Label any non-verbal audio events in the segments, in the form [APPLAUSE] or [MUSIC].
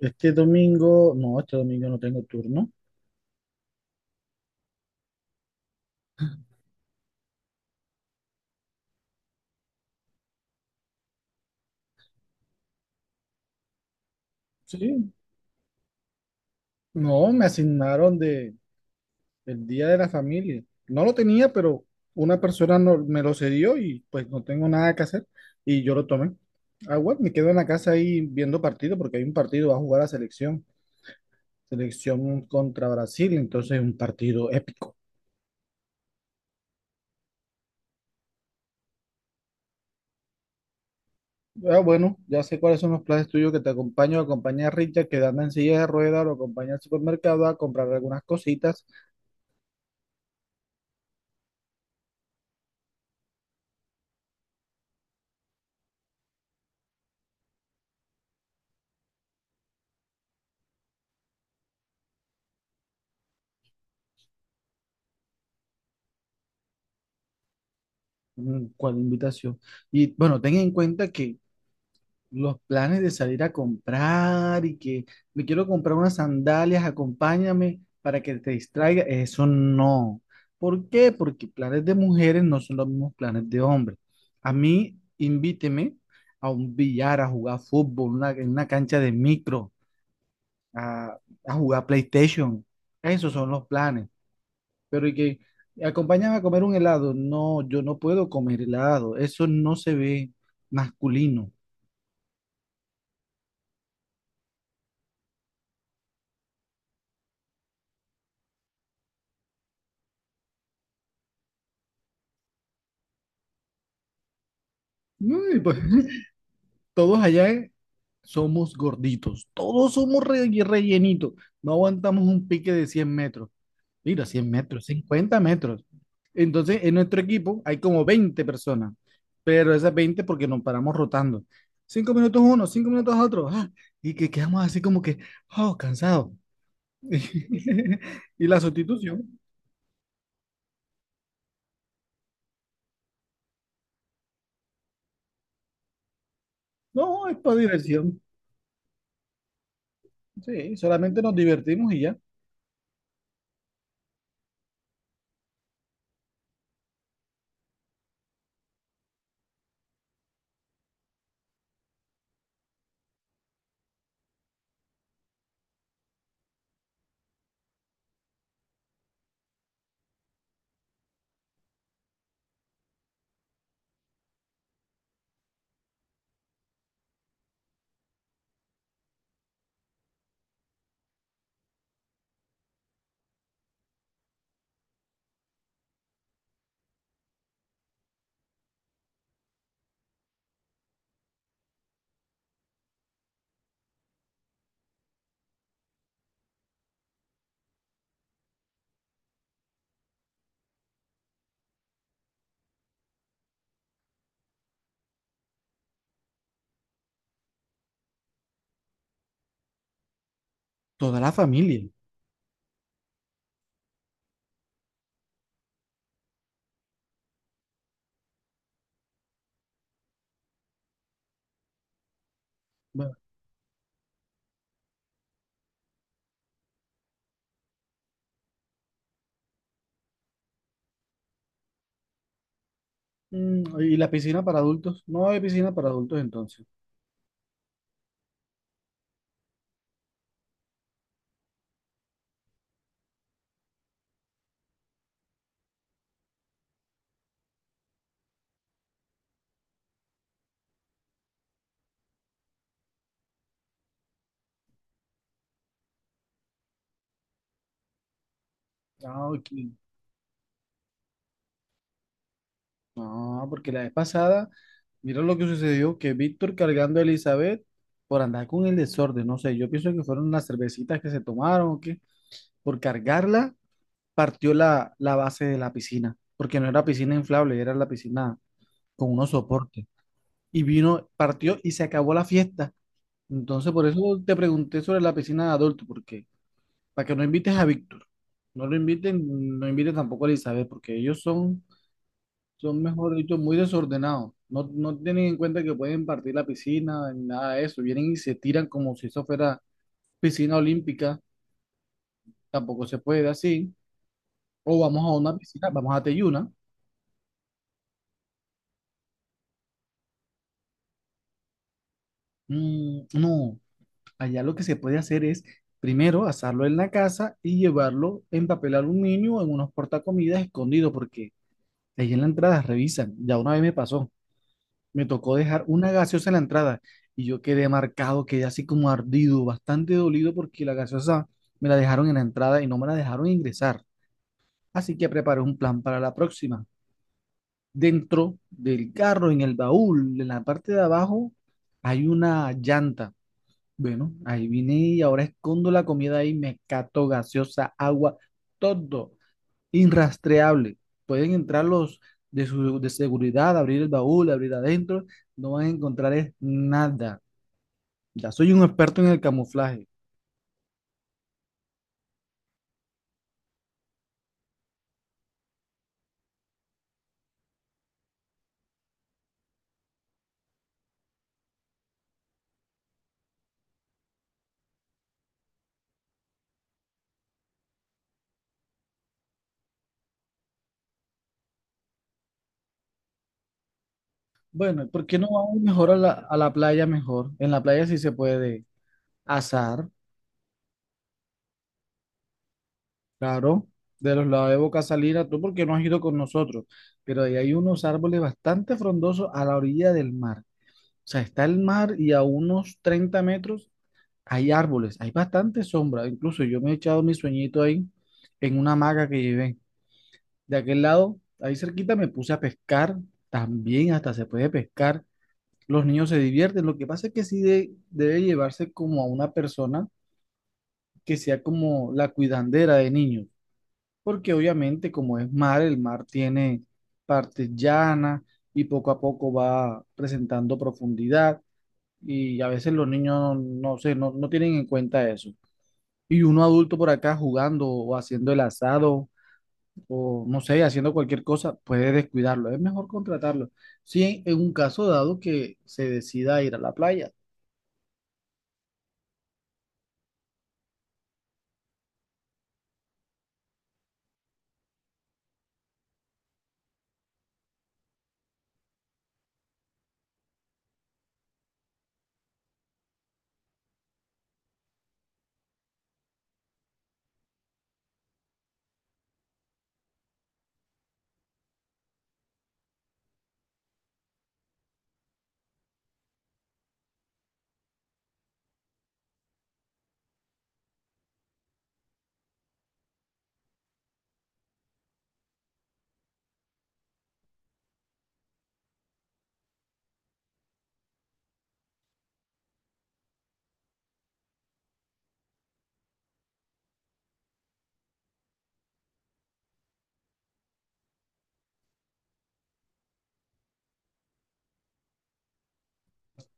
Este domingo no tengo turno. Sí, no, me asignaron el Día de la Familia. No lo tenía, pero una persona me lo cedió y pues no tengo nada que hacer y yo lo tomé. Ah, bueno, me quedo en la casa ahí viendo partido porque hay un partido, va a jugar la selección. Selección contra Brasil, entonces un partido épico. Ah, bueno, ya sé cuáles son los planes tuyos que te acompaño. Acompaña a Richard que anda en silla de ruedas, lo acompaña al supermercado a comprar algunas cositas. Mm, ¿cuál invitación? Y bueno, ten en cuenta que los planes de salir a comprar y que me quiero comprar unas sandalias, acompáñame para que te distraiga, eso no. ¿Por qué? Porque planes de mujeres no son los mismos planes de hombres. A mí, invíteme a un billar, a jugar fútbol, en una cancha de micro, a, a jugar PlayStation. Esos son los planes. Pero y que acompáñame a comer un helado. No, yo no puedo comer helado. Eso no se ve masculino. No, y pues, [LAUGHS] todos allá somos gorditos. Todos somos rellenitos. No aguantamos un pique de 100 metros. Mira, 100 metros, 50 metros. Entonces, en nuestro equipo hay como 20 personas. Pero esas 20 porque nos paramos rotando. Cinco minutos uno, cinco minutos otro. Y que quedamos así como que, oh, cansado. [LAUGHS] Y la sustitución. No, es para diversión. Sí, solamente nos divertimos y ya. Toda la familia. Bueno, mm, y la piscina para adultos. No hay piscina para adultos entonces. Ah, ok. No, porque la vez pasada, mira lo que sucedió, que Víctor cargando a Elizabeth por andar con el desorden. No sé, yo pienso que fueron las cervecitas que se tomaron o qué. Por cargarla, partió la base de la piscina, porque no era piscina inflable, era la piscina con unos soportes. Y vino, partió y se acabó la fiesta. Entonces, por eso te pregunté sobre la piscina de adulto, porque para que no invites a Víctor, no lo inviten, no inviten tampoco a Elizabeth, porque ellos son, son mejor dicho, muy desordenados. No, no tienen en cuenta que pueden partir la piscina, ni nada de eso. Vienen y se tiran como si eso fuera piscina olímpica, tampoco se puede así. O vamos a una piscina, vamos a Teyuna. Mm, no, allá lo que se puede hacer es primero asarlo en la casa y llevarlo en papel aluminio o en unos portacomidas escondidos, porque ahí en la entrada revisan. Ya una vez me pasó. Me tocó dejar una gaseosa en la entrada y yo quedé marcado, quedé así como ardido, bastante dolido porque la gaseosa me la dejaron en la entrada y no me la dejaron ingresar. Así que preparé un plan para la próxima. Dentro del carro, en el baúl, en la parte de abajo, hay una llanta. Bueno, ahí vine y ahora escondo la comida ahí, me cato gaseosa, agua, todo inrastreable. Pueden entrar los de seguridad, abrir el baúl, abrir adentro, no van a encontrar es nada. Ya soy un experto en el camuflaje. Bueno, ¿por qué no vamos mejor a la playa mejor? En la playa sí se puede azar, claro, de los lados de Boca Salina, tú porque no has ido con nosotros, pero ahí hay unos árboles bastante frondosos a la orilla del mar. O sea, está el mar y a unos 30 metros hay árboles, hay bastante sombra. Incluso yo me he echado mi sueñito ahí en una hamaca que llevé. De aquel lado, ahí cerquita, me puse a pescar. También hasta se puede pescar. Los niños se divierten. Lo que pasa es que sí debe llevarse como a una persona que sea como la cuidandera de niños. Porque obviamente como es mar, el mar tiene partes llanas y poco a poco va presentando profundidad. Y a veces los niños no, no sé, no tienen en cuenta eso. Y uno adulto por acá jugando o haciendo el asado o no sé, haciendo cualquier cosa, puede descuidarlo. Es mejor contratarlo. Si en un caso dado que se decida ir a la playa,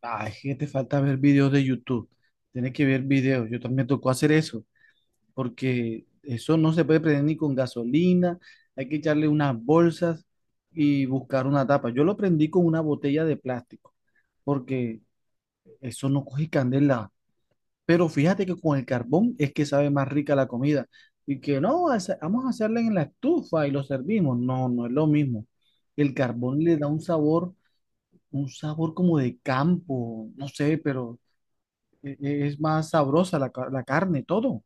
ay, que te falta ver videos de YouTube. Tienes que ver videos. Yo también tocó hacer eso, porque eso no se puede prender ni con gasolina. Hay que echarle unas bolsas y buscar una tapa. Yo lo prendí con una botella de plástico, porque eso no coge candela. Pero fíjate que con el carbón es que sabe más rica la comida. Y que no, vamos a hacerla en la estufa y lo servimos. No, no es lo mismo. El carbón le da un sabor como de campo, no sé, pero es más sabrosa la carne, todo.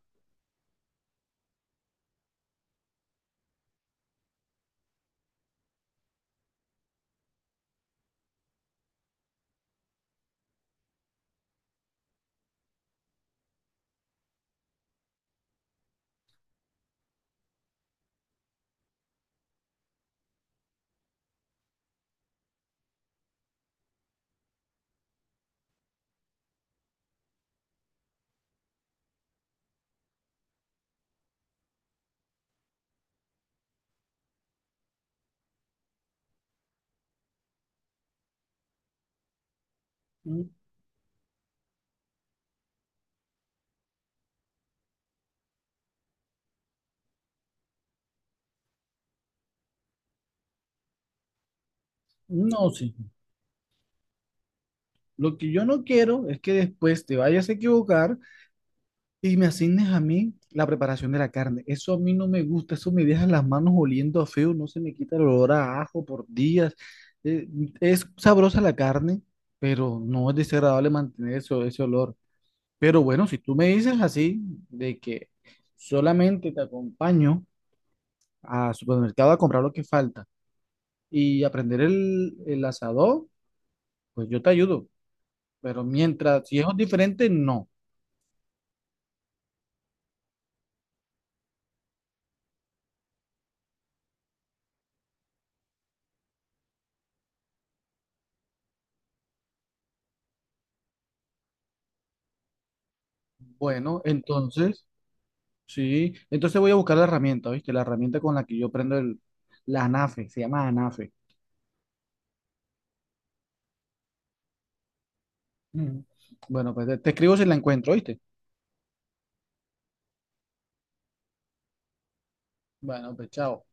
Mm, no, sí. Lo que yo no quiero es que después te vayas a equivocar y me asignes a mí la preparación de la carne. Eso a mí no me gusta, eso me deja las manos oliendo a feo, no se me quita el olor a ajo por días. Eh, es sabrosa la carne, pero no es desagradable mantener eso, ese olor. Pero bueno, si tú me dices así, de que solamente te acompaño al supermercado a comprar lo que falta y aprender el asador, pues yo te ayudo. Pero mientras, si es diferente, no. Bueno, entonces... Sí, entonces voy a buscar la herramienta, ¿viste? La herramienta con la que yo prendo el, la ANAFE, se llama ANAFE. Mm. Bueno, pues te escribo si la encuentro, ¿viste? Bueno, pues chao.